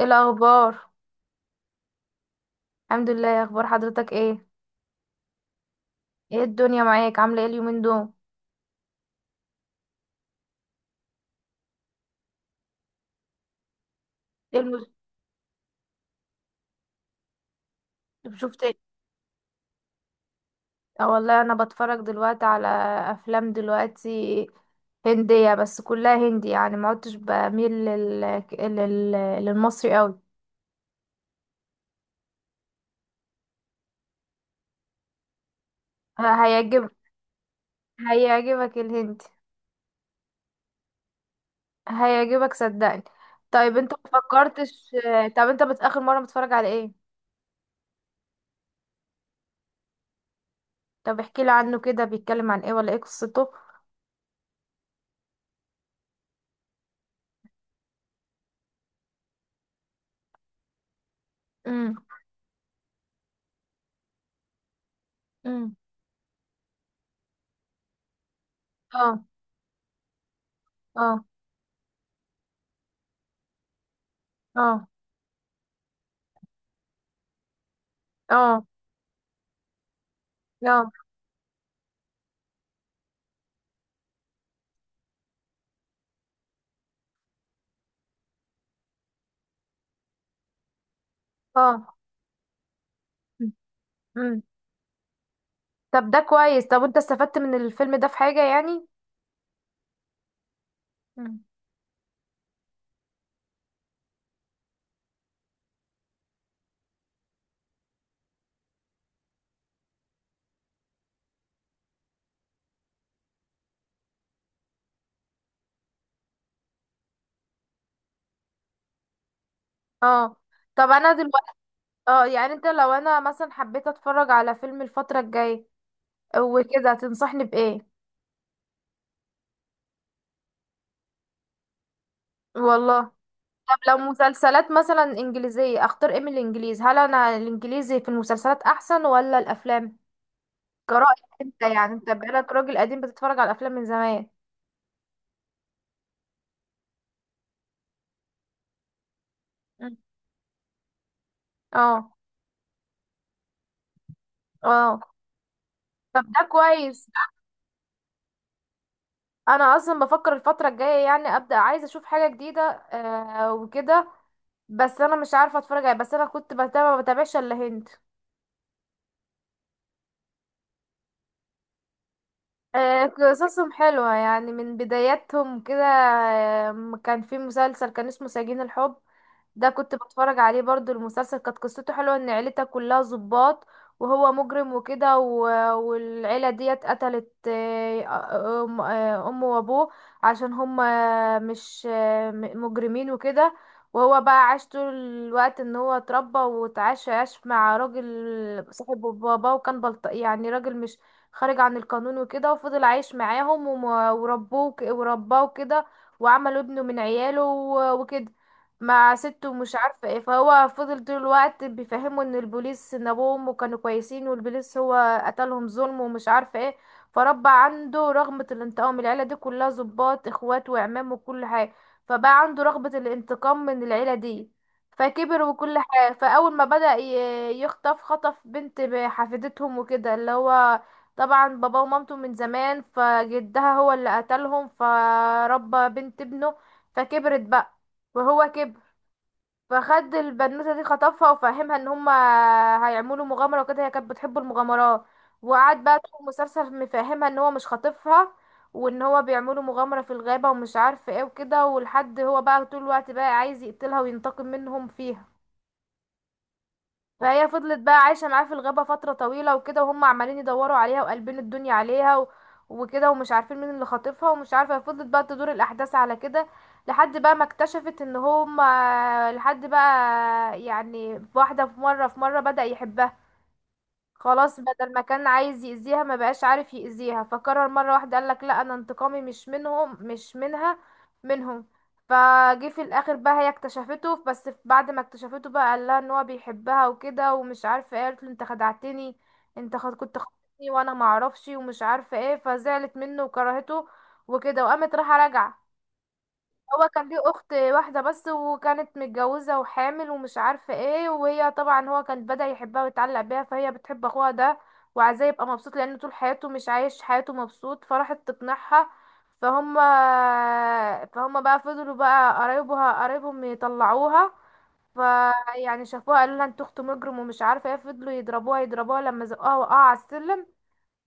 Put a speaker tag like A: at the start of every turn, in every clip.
A: ايه الاخبار؟ الحمد لله، يا اخبار حضرتك ايه؟ ايه الدنيا معاك عامله ايه اليومين دول؟ ايه المس... شفت ايه؟ اه والله، انا بتفرج دلوقتي على افلام دلوقتي هنديه، بس كلها هندي يعني، ما عدتش بميل لل... للمصري قوي. ه- هيعجب هيعجبك الهندي، هيعجبك صدقني. طيب انت ما فكرتش، اخر مره متفرج على ايه؟ طب احكي لي عنه كده، بيتكلم عن ايه ولا ايه قصته؟ امم. امم. اه. اه. اه. اه. اه. اه. مم. مم. طب ده كويس، طب انت استفدت من الفيلم ده في حاجة يعني؟ مم. اه، طب انا دلوقتي، اه يعني انت لو انا مثلا حبيت اتفرج على فيلم الفترة الجاية وكده، تنصحني بإيه؟ والله. طب لو مسلسلات مثلا انجليزية، اختار ايه من الانجليز؟ هل انا الانجليزي في المسلسلات احسن ولا الافلام؟ كرأيك انت يعني، انت بقالك راجل قديم بتتفرج على الافلام من زمان. مم. اه. اه. طب ده كويس، انا اصلا بفكر الفتره الجايه يعني ابدا عايزه اشوف حاجه جديده وكده، بس انا مش عارفه اتفرج على بس انا كنت بتابع، ما بتابعش الا هند. قصصهم حلوة يعني من بداياتهم كده. كان في مسلسل كان اسمه سجين الحب، ده كنت بتفرج عليه برضو. المسلسل كانت قصته حلوة، ان عيلتها كلها ضباط وهو مجرم وكده، والعيلة ديت قتلت امه وابوه، عشان هم مش مجرمين وكده. وهو بقى عاش طول الوقت ان هو اتربى، عاش مع راجل صاحب باباه، وكان بلط يعني، راجل مش خارج عن القانون وكده، وفضل عايش معاهم، ورباه كده، وعملوا ابنه من عياله وكده، مع سته مش عارفة ايه. فهو فضل طول الوقت بيفهمه ان البوليس، ان ابوه وامه كانوا كويسين، والبوليس هو قتلهم ظلم ومش عارفة ايه. فربى عنده رغبة الانتقام، العيلة دي كلها ضباط اخوات وعمام وكل حاجة، فبقى عنده رغبة الانتقام من العيلة دي. فكبر وكل حاجة. فأول ما بدأ يخطف، خطف بنت حفيدتهم وكده، اللي هو طبعا بابا ومامته من زمان، فجدها هو اللي قتلهم. فربى بنت ابنه. فكبرت بقى وهو كبر. فخد البنوتة دي خطفها، وفهمها ان هما هيعملوا مغامرة وكده، هي كانت بتحب المغامرات، وقعد بقى طول المسلسل مفهمها ان هو مش خاطفها، وان هو بيعملوا مغامرة في الغابة ومش عارف ايه وكده، ولحد هو بقى طول الوقت بقى عايز يقتلها وينتقم منهم فيها. فهي فضلت بقى عايشة معاه في الغابة فترة طويلة وكده، وهم عمالين يدوروا عليها وقلبين الدنيا عليها وكده، ومش عارفين مين اللي خاطفها ومش عارفة. فضلت بقى تدور الأحداث على كده لحد بقى ما اكتشفت ان هم، لحد بقى يعني واحدة في مرة، بدأ يحبها. خلاص بدل ما كان عايز يأذيها، ما بقاش عارف يأذيها، فقرر مرة واحدة، قالك لا انا انتقامي مش منهم مش منها، منهم. فجه في الاخر بقى هي اكتشفته، بس بعد ما اكتشفته بقى قال لها ان هو بيحبها وكده ومش عارفه ايه. قالت له انت خدعتني، كنت خدتني وانا ما اعرفش ومش عارفه ايه، فزعلت منه وكرهته وكده، وقامت رايحه راجعه. هو كان ليه اخت واحده بس، وكانت متجوزه وحامل ومش عارفه ايه، وهي طبعا هو كان بدأ يحبها ويتعلق بيها، فهي بتحب اخوها ده وعايزاه يبقى مبسوط، لان طول حياته مش عايش حياته مبسوط، فراحت تقنعها. فهم فهم بقى فضلوا بقى قرايبهم يطلعوها، فيعني شافوها قالوا لها انت اخت مجرم ومش عارفه ايه، فضلوا يضربوها يضربوها لما زقوها وقعوا على السلم،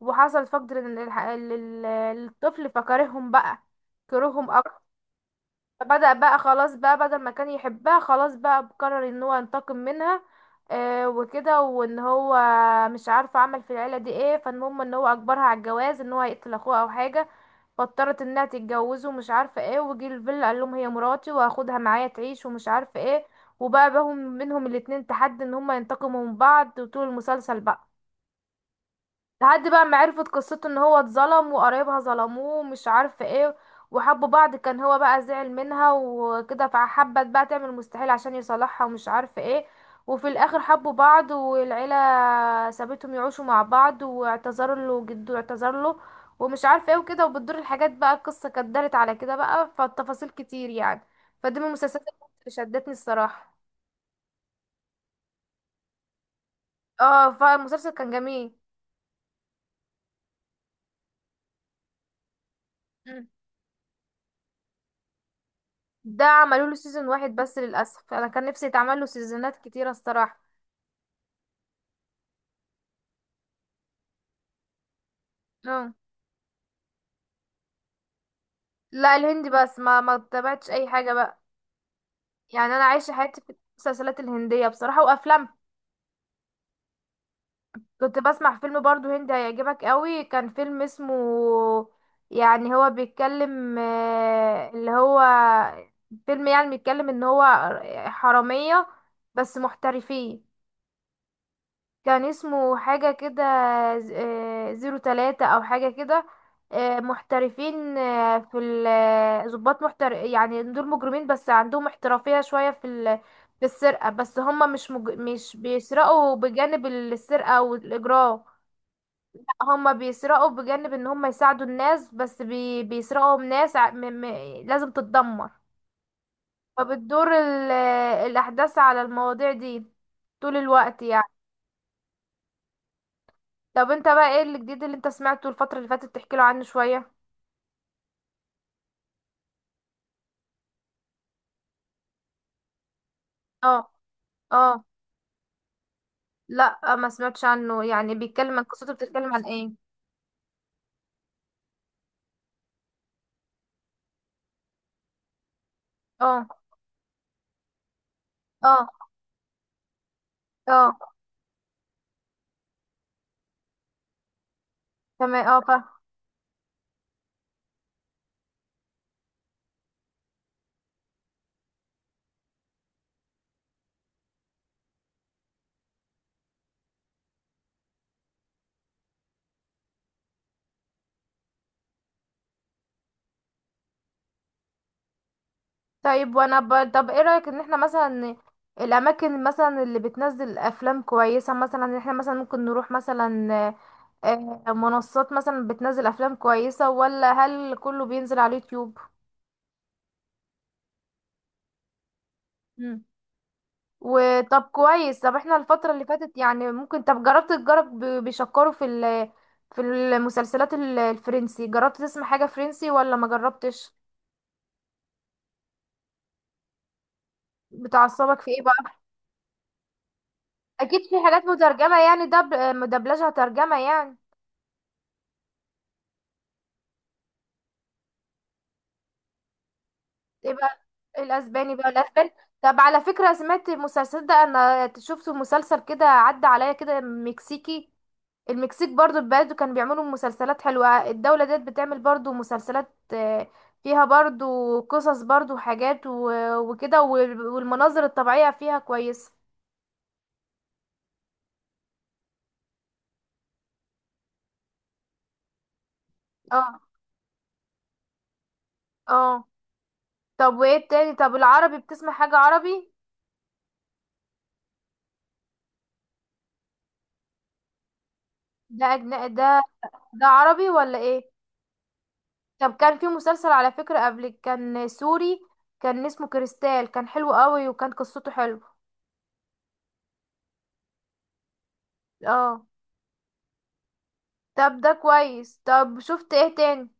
A: وحصل فقد للطفل فكرههم بقى، كرههم اكتر. فبدأ بقى خلاص بقى، بدل ما كان يحبها خلاص بقى قرر ان هو ينتقم منها، وكده، وان هو مش عارفه عمل في العيله دي ايه. فالمهم ان هو اجبرها على الجواز، ان هو هيقتل اخوها او حاجه، فاضطرت انها تتجوزه ومش عارفه ايه. وجي الفيلا قال لهم هي مراتي وهاخدها معايا تعيش ومش عارفه ايه، وبقى منهم الاتنين تحدي ان هما ينتقموا من بعض وطول المسلسل بقى، لحد بقى ما عرفت قصته ان هو اتظلم وقرايبها ظلموه ومش عارفه ايه، وحبوا بعض. كان هو بقى زعل منها وكده، فحبت بقى تعمل مستحيل عشان يصالحها ومش عارفه ايه، وفي الاخر حبوا بعض، والعيله سابتهم يعيشوا مع بعض، واعتذر له جده، اعتذر له ومش عارفه ايه وكده، وبتدور الحاجات بقى. القصه كانت دارت على كده بقى، فالتفاصيل كتير يعني. فدي من المسلسلات اللي شدتني الصراحه. اه، فالمسلسل كان جميل. ده عملوا له سيزون واحد بس للاسف، انا كان نفسي يتعمل له سيزونات كتيره الصراحه. اه. لا، الهندي بس، ما تابعتش اي حاجه بقى، يعني انا عايشه حياتي في المسلسلات الهنديه بصراحه وافلام. كنت بسمع فيلم برضو هندي هيعجبك قوي، كان فيلم اسمه، يعني هو بيتكلم اللي هو فيلم يعني بيتكلم ان هو حراميه بس محترفين. كان اسمه حاجة كده، زيرو تلاتة أو حاجة كده. محترفين، آه، في ال- آه، ضباط يعني، دول مجرمين بس عندهم احترافية شوية في السرقة، بس هما مش بيسرقوا. بجانب السرقة والإجرام، هما بيسرقوا بجانب ان هما يساعدوا الناس، بس بيسرقوا من ناس لازم تتدمر. فبتدور الأحداث على المواضيع دي طول الوقت يعني. طب انت بقى ايه الجديد اللي انت سمعته الفترة اللي فاتت، تحكي له عنه شوية. اه. اه. لا، ما سمعتش عنه يعني، بيتكلم عن قصته بتتكلم عن ايه؟ اه. اه. اه. تمام. اه، طيب. طب ايه رأيك، ان احنا مثلا الاماكن مثلا اللي بتنزل افلام كويسة، مثلا ان احنا مثلا ممكن نروح مثلا منصات مثلا بتنزل افلام كويسة، ولا هل كله بينزل على اليوتيوب؟ وطب كويس، طب احنا الفترة اللي فاتت يعني ممكن، طب تجرب بيشكروا في المسلسلات الفرنسي، جربت تسمع حاجة فرنسي ولا ما جربتش؟ بتعصبك في ايه بقى؟ اكيد في حاجات مترجمة يعني، مدبلجة ترجمة يعني. يبقى الاسباني بقى الاسباني. طب على فكرة سمعت المسلسل ده، انا شفت مسلسل كده عدى عليا كده مكسيكي. المكسيك برضو البلد كانوا بيعملوا مسلسلات حلوة، الدولة ديت بتعمل برضو مسلسلات، فيها برضو قصص برضو حاجات وكده، والمناظر الطبيعية فيها كويسة. اه. اه. طب وايه التاني؟ طب العربي بتسمع حاجة عربي؟ ده، ده عربي ولا ايه؟ طب كان في مسلسل على فكرة قبل كان سوري، كان اسمه كريستال كان حلو قوي وكان قصته حلوة. اه. طب ده كويس، طب شفت ايه تاني؟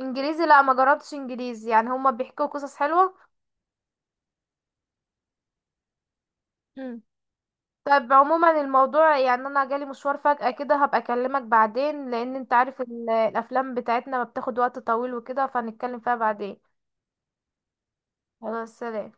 A: انجليزي؟ لا ما جربتش انجليزي، يعني هما بيحكوا قصص حلوة. مم. طب عموما الموضوع يعني انا جالي مشوار فجأة كده، هبقى اكلمك بعدين، لان انت عارف الافلام بتاعتنا ما بتاخد وقت طويل وكده، فهنتكلم فيها بعدين. خلاص، سلام.